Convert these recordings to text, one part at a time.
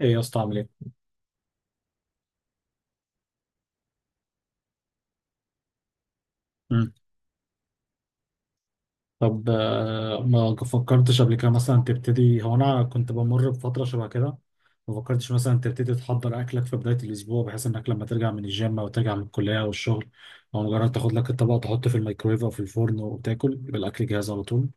ايه يا اسطى عامل ايه؟ مم. طب ما فكرتش قبل كده مثلا تبتدي. هو انا كنت بمر بفتره شبه كده، ما فكرتش مثلا تبتدي تحضر اكلك في بدايه الاسبوع، بحيث انك لما ترجع من الجيم او ترجع من الكليه او الشغل، او مجرد تاخد لك الطبق تحطه في الميكرويف او في الفرن وتاكل، يبقى الاكل جاهز على طول.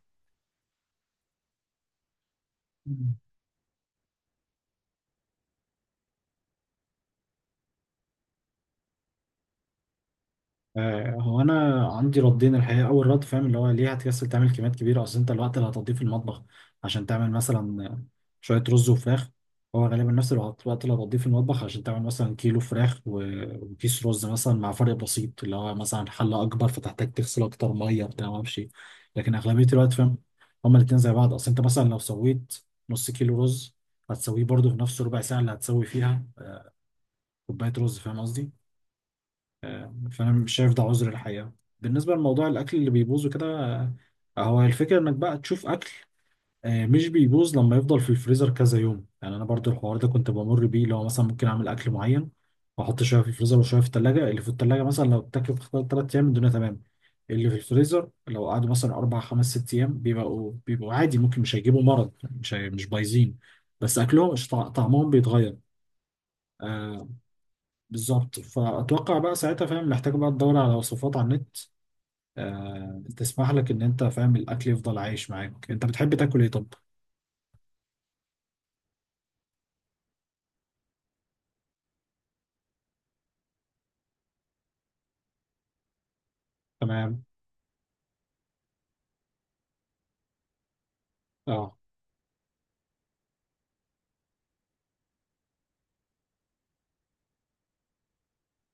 هو انا عندي ردين الحقيقه. اول رد فاهم، اللي هو ليه هتكسل تعمل كميات كبيره؟ اصل انت الوقت اللي هتقضيه في المطبخ عشان تعمل مثلا شويه رز وفراخ، هو غالبا نفس الوقت. اللي هتقضيه في المطبخ عشان تعمل مثلا كيلو فراخ و- وكيس رز مثلا، مع فرق بسيط اللي هو مثلا حله اكبر فتحتاج تغسل اكتر، ميه بتاع ما اعرفش إيه. لكن اغلبيه الوقت فاهم، هما الاتنين زي بعض. اصل انت مثلا لو سويت نص كيلو رز، هتسويه برضه في نفس ربع ساعه اللي هتسوي فيها كوبايه رز، فاهم قصدي؟ فانا مش شايف ده عذر الحقيقه. بالنسبه لموضوع الاكل اللي بيبوظ وكده، هو الفكره انك بقى تشوف اكل مش بيبوظ لما يفضل في الفريزر كذا يوم. يعني انا برضو الحوار ده كنت بمر بيه، لو مثلا ممكن اعمل اكل معين واحط شويه في الفريزر وشويه في الثلاجه. اللي في الثلاجه مثلا لو اتاكل في خلال 3 ايام الدنيا تمام، اللي في الفريزر لو قعدوا مثلا اربع خمس ست ايام بيبقوا عادي، ممكن مش هيجيبوا مرض، مش بايظين، بس اكلهم مش طع- طعمهم بيتغير. آه، بالظبط. فاتوقع بقى ساعتها فاهم، محتاج بقى تدور على وصفات على النت تسمح لك ان انت فاهم الاكل يفضل عايش معاك. انت بتحب تاكل ايه طب؟ تمام. اه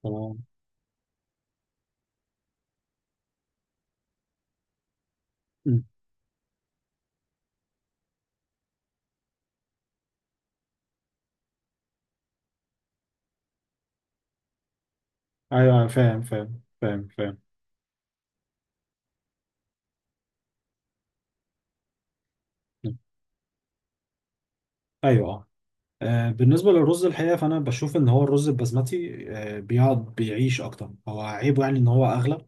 تمام. مم. ايوه أيوة، فاهم. مم. ايوه اه. بالنسبه للرز الحقيقه، فانا بشوف ان هو الرز البسمتي بيقعد بيعيش اكتر. هو عيبه يعني ان هو اغلى،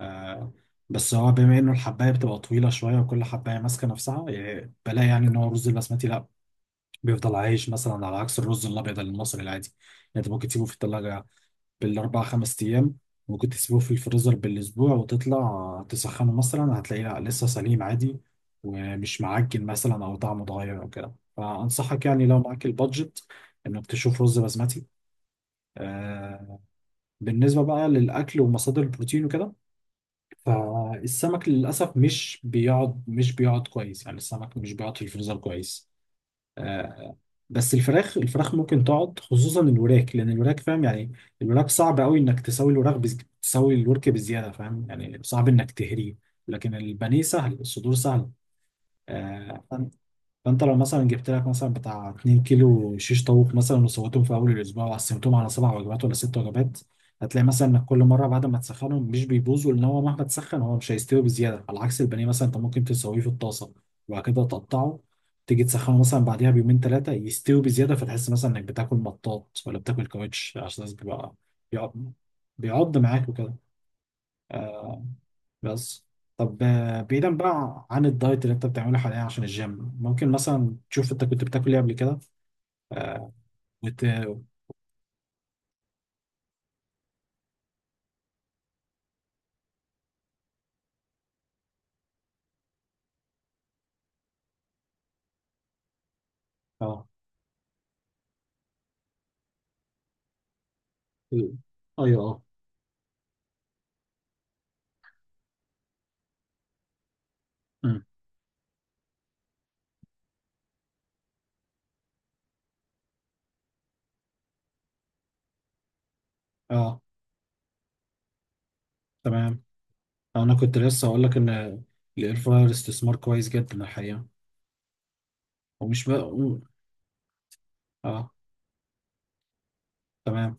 آه، بس هو بما انه الحبايه بتبقى طويله شويه وكل حبايه ماسكه نفسها، يعني بلاقي يعني ان هو الرز البسمتي لا، بيفضل عايش، مثلا على عكس الرز الابيض المصري العادي. يعني انت ممكن تسيبه في الثلاجه بالاربع خمس ايام، ممكن تسيبه في الفريزر بالاسبوع وتطلع تسخنه مثلا، هتلاقيه لا لسه سليم عادي، ومش معجن مثلا او طعمه اتغير او كده. فانصحك يعني لو معاك البادجت انك تشوف رز بسمتي. آه. بالنسبه بقى للاكل ومصادر البروتين وكده، فالسمك للاسف مش بيقعد كويس. يعني السمك مش بيقعد في الفريزر كويس. آه، بس الفراخ، ممكن تقعد، خصوصا الوراك، لان الوراك فاهم يعني، الوراك صعب قوي انك تسوي الورك بزياده، فاهم يعني صعب انك تهريه. لكن البانيه سهل، الصدور سهل. آه، فانت لو مثلا جبت لك مثلا بتاع 2 كيلو شيش طاووق مثلا، وسويتهم في اول الاسبوع وقسمتهم على سبع وجبات ولا ست وجبات، هتلاقي مثلا انك كل مره بعد ما تسخنهم مش بيبوظوا، لان هو مهما تسخن هو مش هيستوي بزياده. على عكس البانيه مثلا، انت ممكن تسويه في الطاسه وبعد كده تقطعه، تيجي تسخنه مثلا بعديها بيومين ثلاثه، يستوي بزياده، فتحس مثلا انك بتاكل مطاط ولا بتاكل كاوتش، عشان بيبقى بيقعد بيعض معاك وكده. بس طب بعيدا بقى عن الدايت اللي انت بتعمله حاليا عشان الجيم، ممكن مثلا تشوف انت كنت بتاكل ايه قبل كده؟ وت... اه. ايوه اه. أمم. اه تمام. انا كنت لسه اقول لك ان الاير فراير استثمار كويس جدا الحقيقه. ومش بقى، اه تمام.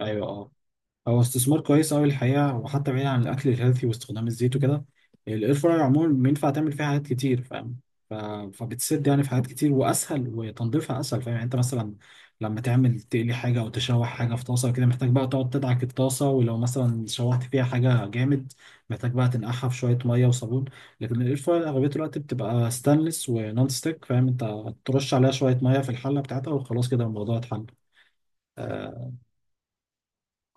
ايوه، هو استثمار كويس أوي الحقيقة. وحتى بعيد عن الأكل الهيلثي واستخدام الزيت وكده، الإير فراير عموما بينفع تعمل فيها حاجات كتير فاهم. ف... فبتسد يعني في حاجات كتير، وأسهل، وتنظيفها أسهل. فاهم يعني أنت مثلا لما تعمل تقلي حاجة أو تشوح حاجة في طاسة كده، محتاج بقى تقعد تدعك الطاسة. ولو مثلا شوحت فيها حاجة جامد، محتاج بقى تنقعها في شوية مية وصابون. لكن الإير فراير أغلبية الوقت بتبقى ستانلس ونون ستيك، فاهم أنت ترش عليها شوية مية في الحلة بتاعتها وخلاص، كده الموضوع اتحل. آه،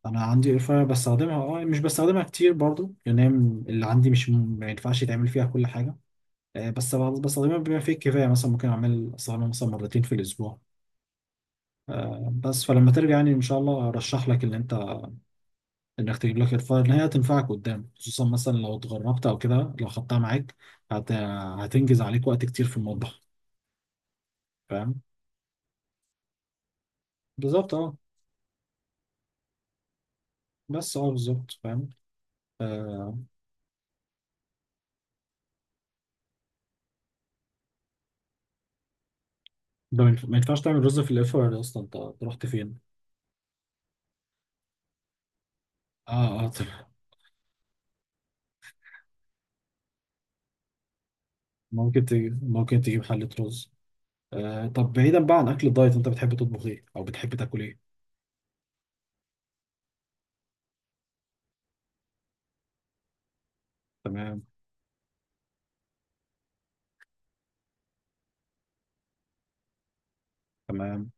انا عندي اير فراير بستخدمها. اه، مش بستخدمها كتير برضو، لان هي اللي عندي مش م- ما ينفعش يتعمل فيها كل حاجه. بس بستخدمها بما فيه الكفايه، مثلا ممكن استخدمها مثلا مرتين في الاسبوع. بس فلما ترجع يعني ان شاء الله، ارشح لك ان انت، انك تجيب لك اير فراير، ان هي هتنفعك قدام، خصوصا مثلا لو اتغربت او كده لو خدتها معاك، هت... هتنجز عليك وقت كتير في المطبخ. فاهم بالظبط اه. بس اه بالظبط فاهم. آه، ده ما ينفعش تعمل رز في الاير فراير اصلا، انت أنت رحت فين؟ اه اه. ممكن تجيب، ممكن تجيب حلة رز. آه طب بعيدا بقى عن أكل الدايت، أنت بتحب تطبخ إيه أو بتحب تاكل إيه؟ تمام. تمام.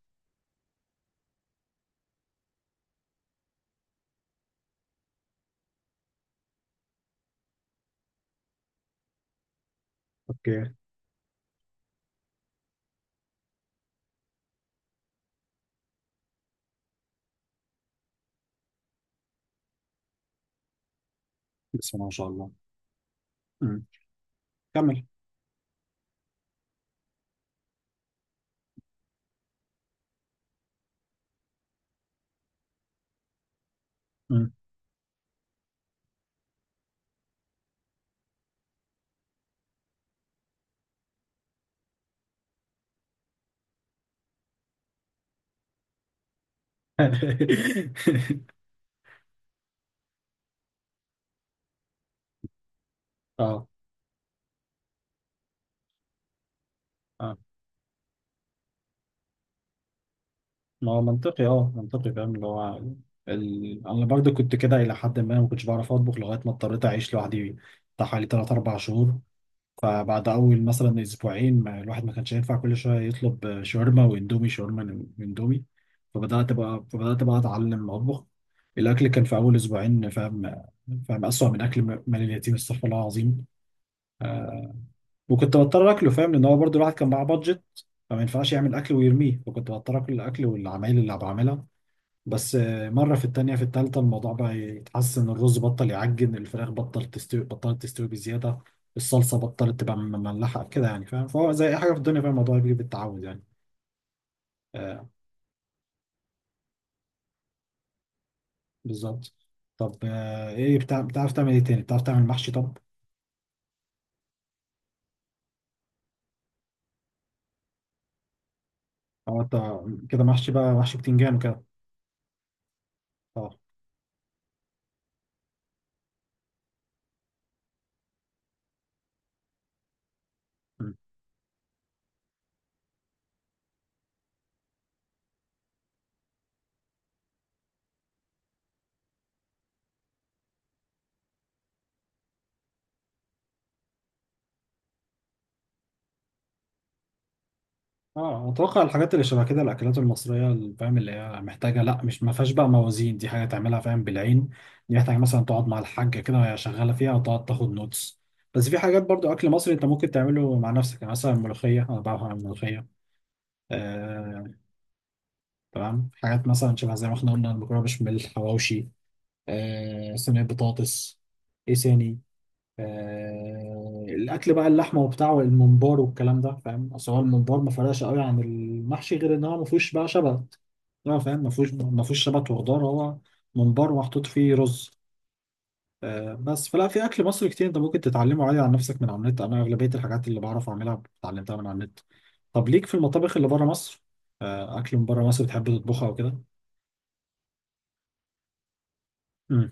أوكي. بسم الله ما شاء الله. مم. كمل. مم. اه اه. ما هو منطقي، اه منطقي فاهم، اللي هو انا برضو كنت كده الى حد ما، ما كنتش بعرف اطبخ لغايه ما اضطريت اعيش لوحدي بتاع حوالي 3 4 شهور. فبعد اول مثلا اسبوعين، ما الواحد ما كانش ينفع كل شويه يطلب شاورما واندومي، شاورما واندومي، فبدات بقى فبدات بقى اتعلم اطبخ. الاكل كان في اول اسبوعين فاهم، فاهم اسوأ من اكل مال اليتيم، استغفر الله العظيم. وكنت بضطر اكله، فاهم لان هو برضو الواحد كان معاه بادجت، فما ينفعش يعمل اكل ويرميه، فكنت بضطر اكل الاكل والعمايل اللي بعملها. بس مرة في التانية في التالتة الموضوع بقى يتحسن، الرز بطل يعجن، الفراخ بطلت تستوي بزيادة، الصلصة بطلت تبقى مملحة كده يعني، فاهم؟ فهو زي أي حاجة في الدنيا فاهم، الموضوع بيجي بالتعود يعني. آه بالظبط. طب إيه بتاع بتعرف تعمل إيه تاني؟ بتعرف تعمل محشي طب؟ أو أنت كده محشي بقى، محشي بتنجان وكده. أه اه اتوقع الحاجات اللي شبه كده، الاكلات المصريه اللي فاهم، اللي هي محتاجه، لا مش ما فيهاش بقى موازين، دي حاجه تعملها فاهم بالعين. دي محتاجه مثلا تقعد مع الحاجه كده وهي شغاله فيها وتقعد تاخد نوتس. بس في حاجات برضو اكل مصري انت ممكن تعمله مع نفسك، يعني مثلا الملوخيه، انا بعرف اعمل ملوخيه. آه تمام. حاجات مثلا شبه زي ما احنا قلنا، المكرونه بشاميل، حواوشي، آه صينيه بطاطس، ايه ثاني، الاكل بقى، اللحمه وبتاع، والممبار والكلام ده. فاهم اصل هو الممبار ما فرقش قوي عن المحشي، غير ان هو ما فيهوش بقى شبت. لا فاهم، ما فيهوش شبت وخضار. هو ممبار محطوط فيه رز. بس فلا، في اكل مصري كتير انت ممكن تتعلمه عادي عن نفسك من على النت. انا اغلبيه الحاجات اللي بعرف اعملها اتعلمتها من على النت. طب ليك في المطابخ اللي بره مصر؟ اكل من بره مصر بتحب تطبخها وكده؟ امم.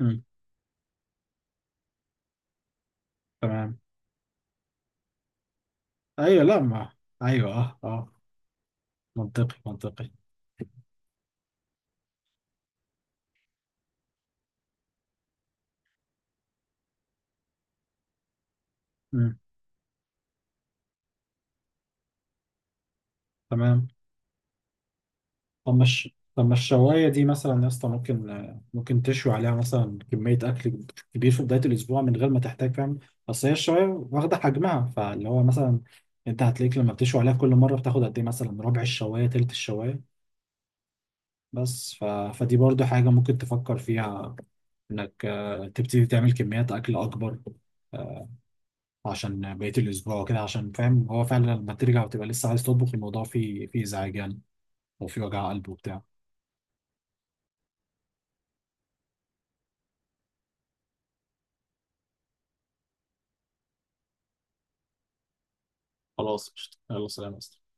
امم. تمام. ايوه لا ما. ايوه اه اه. منطقي منطقي. امم. تمام. طب مش، طب ما الشوايه دي مثلا يا اسطى، ممكن ممكن تشوي عليها مثلا كميه اكل كبير في بدايه الاسبوع، من غير ما تحتاج فاهم؟ اصل هي الشوايه واخده حجمها، فاللي هو مثلا انت هتلاقيك لما بتشوي عليها كل مره بتاخد قد ايه، مثلا ربع الشوايه تلت الشوايه. بس ف... فدي برضو حاجه ممكن تفكر فيها، انك تبتدي تعمل كميات اكل اكبر، آه، عشان بقيه الاسبوع وكده. عشان فاهم هو فعلا لما ترجع وتبقى لسه عايز تطبخ، الموضوع فيه، ازعاج يعني، وفيه وجع قلب وبتاع. خلاص قشطة. يلا سلام يا أسطى.